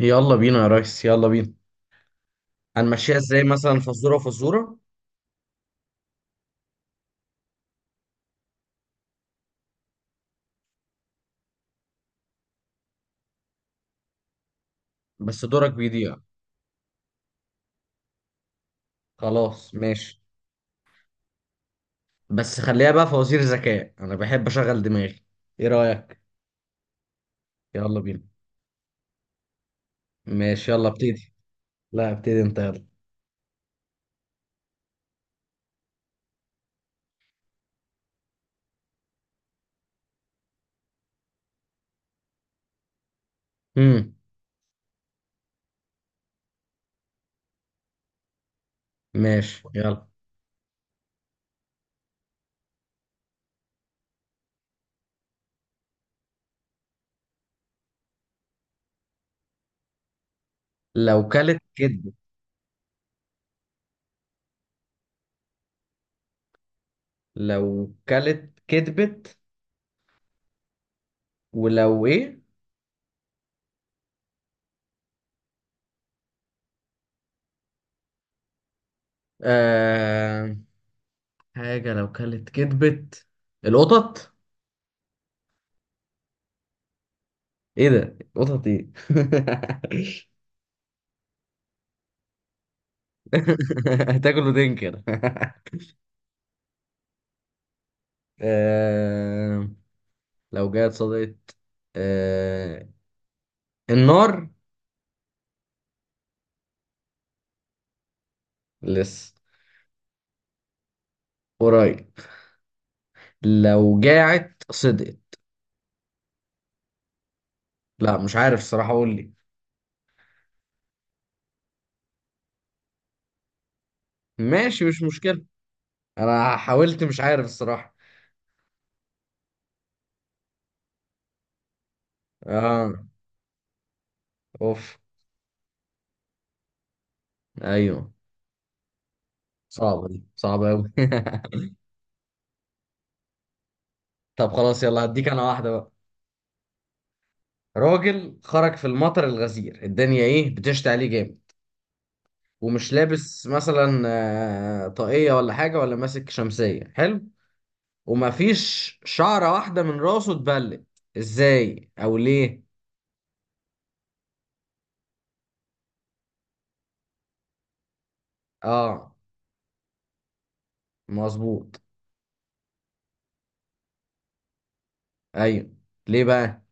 يلا بينا يا ريس، يلا بينا. هنمشيها ازاي مثلا؟ فزورة فزورة؟ بس دورك بيضيع. خلاص ماشي. بس خليها بقى فوازير ذكاء، انا بحب اشغل دماغي. ايه رأيك؟ يلا بينا. ماشي يلا ابتدي. لا، ابتدي انت يلا. امم ماشي يلا. لو كلت كدبت. لو كلت كدبت ولو ايه؟ آه... حاجة لو كلت كدبت، القطط. ايه ده؟ قطط ايه؟ هتاكل وتنكر. آه، لو جت صدقت. آه، النار. لسه. قريب. لو جاعت صدقت، لا مش عارف الصراحة، قول لي. ماشي، مش مشكلة. انا حاولت، مش عارف الصراحة. اه. اوف. ايوه، صعبة دي، صعبة اوي. طب خلاص، يلا هديك انا واحدة بقى. راجل خرج في المطر الغزير، الدنيا ايه، بتشتي عليه جامد. ومش لابس مثلا طاقية ولا حاجة ولا ماسك شمسية. حلو. ومفيش شعرة واحدة من راسه اتبلت. ازاي او ليه؟ اه، مظبوط. ايوه. ليه بقى؟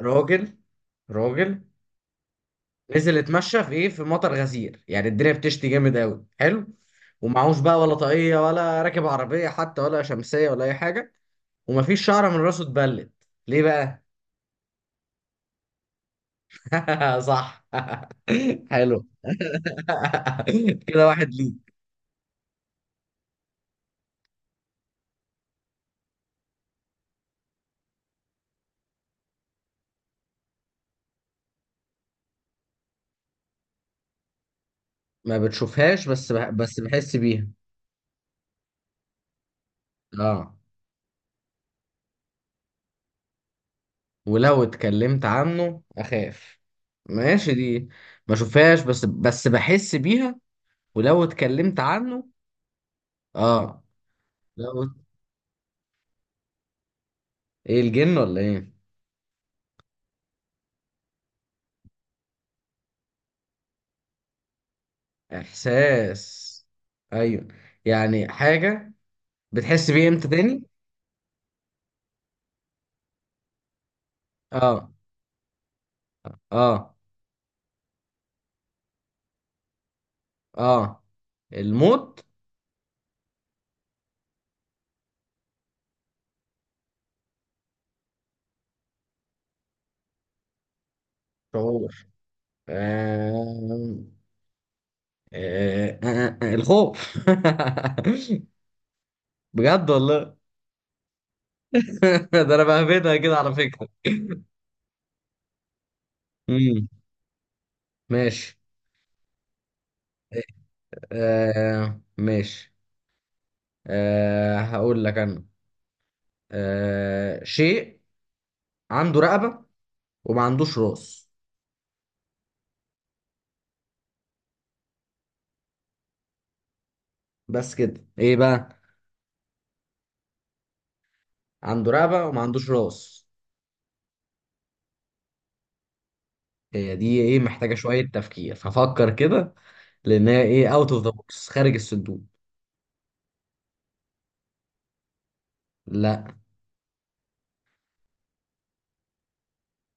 راجل راجل نزل اتمشى في ايه، في مطر غزير، يعني الدنيا بتشتي جامد قوي. حلو. ومعهوش بقى، ولا طاقية ولا راكب عربية حتى، ولا شمسية ولا اي حاجة. ومفيش شعرة من راسه اتبلت. ليه بقى؟ صح. حلو. كده واحد، ليه. ما بتشوفهاش، بس بحس بيها. اه، ولو اتكلمت عنه اخاف. ماشي دي. ما اشوفهاش بس بحس بيها. ولو اتكلمت عنه. اه لو ايه، الجن ولا ايه؟ احساس. ايوه، يعني حاجة. بتحس بيه امتى تاني؟ اه، اه، اه، الموت. شعور. آه. آه. آه. آه. آه، الخوف. بجد والله. ده انا بهبدها كده، على فكرة. امم ماشي. آه، ماشي. آه، هقول لك انا. آه، شيء عنده رقبة وما عندوش راس. بس كده ايه بقى؟ عنده رقبة وما عندوش راس. هي دي ايه؟ محتاجة شوية تفكير، هفكر كده. لان هي ايه، اوت اوف ذا بوكس، خارج الصندوق. لا،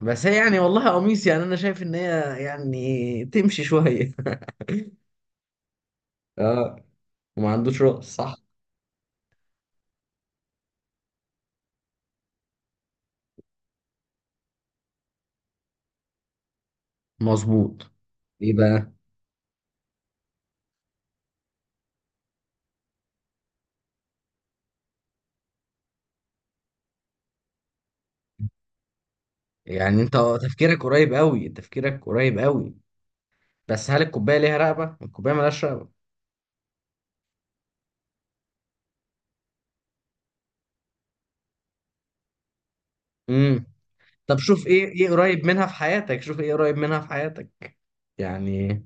بس هي يعني والله قميص، يعني انا شايف ان هي يعني تمشي شوية. اه، وما عندوش راس صح. مظبوط. ايه بقى؟ يعني انت تفكيرك قريب قوي، تفكيرك قريب قوي. بس هل الكوبايه ليها رقبه؟ الكوبايه ملهاش رقبه. امم طب شوف ايه قريب منها في حياتك، شوف ايه قريب منها في حياتك يعني.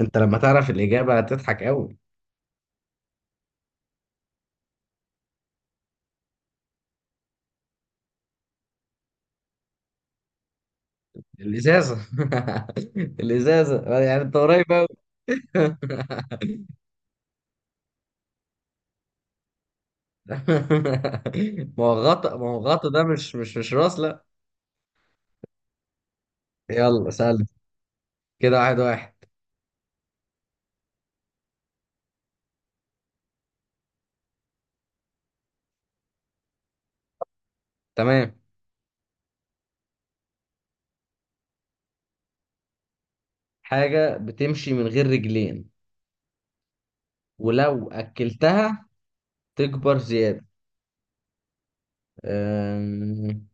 انت لما تعرف الاجابه هتضحك قوي. الازازه. الازازه، يعني انت قريب قوي. ما هو غطا، ما هو غطا ده مش راس، لا. يلا سأل. كده 1-1. تمام. حاجه بتمشي من غير رجلين، ولو اكلتها تكبر زياده؟ أم...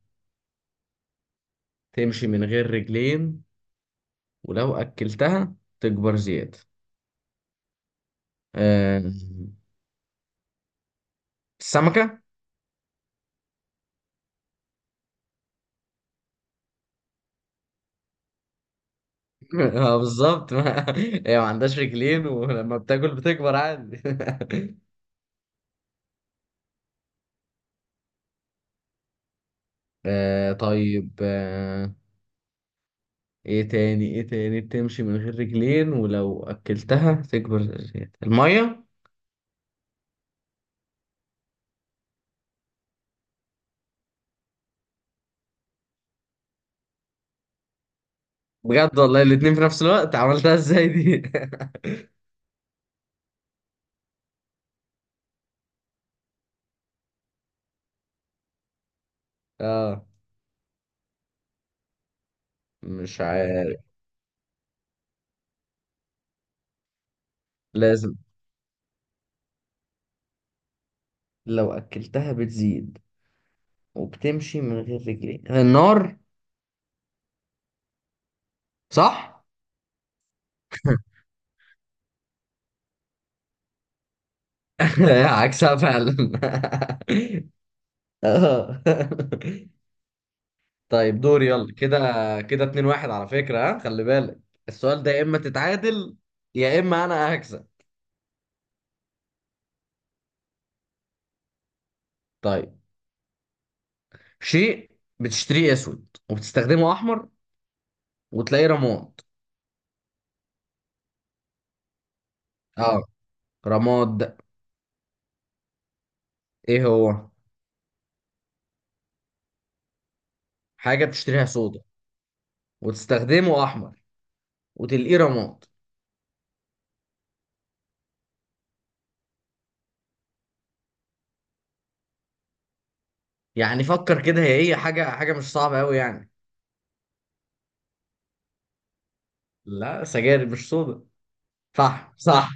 تمشي من غير رجلين، ولو أكلتها تكبر زيادة. آه، السمكة. اه، بالظبط، ما هي ما عندهاش رجلين ولما بتاكل بتكبر عادي. آه، طيب. آه، ايه تاني، ايه تاني بتمشي من غير رجلين ولو اكلتها تكبر زيادة؟ المية. بجد والله، الاتنين في نفس الوقت، عملتها ازاي دي؟ اه. مش عارف. لازم، لو اكلتها بتزيد وبتمشي من غير رجلين، النار. صح. عكسها فعلا. اه، طيب، دور يلا كده. كده 2-1 على فكرة. ها، خلي بالك. السؤال ده يا اما تتعادل، يا اما انا هكسب. طيب. شيء بتشتريه اسود وبتستخدمه احمر، وتلاقيه رماد. اه، رماد ده. ايه هو؟ حاجة بتشتريها سودا وتستخدمه احمر وتلاقيه رماد. يعني فكر كده، هي ايه حاجة، حاجة مش صعبة قوي يعني. لا، سجاير مش سودا. صح، صح،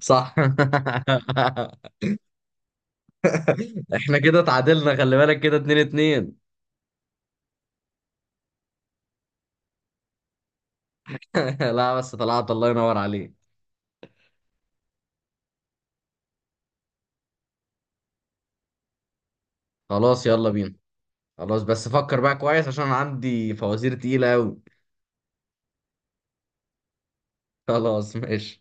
صح. احنا كده اتعادلنا، خلي بالك، كده 2-2. لا، بس طلعت، الله ينور عليك. خلاص، يلا بينا. خلاص، بس فكر بقى كويس عشان عندي فوازير تقيلة أوي. خلاص ماشي.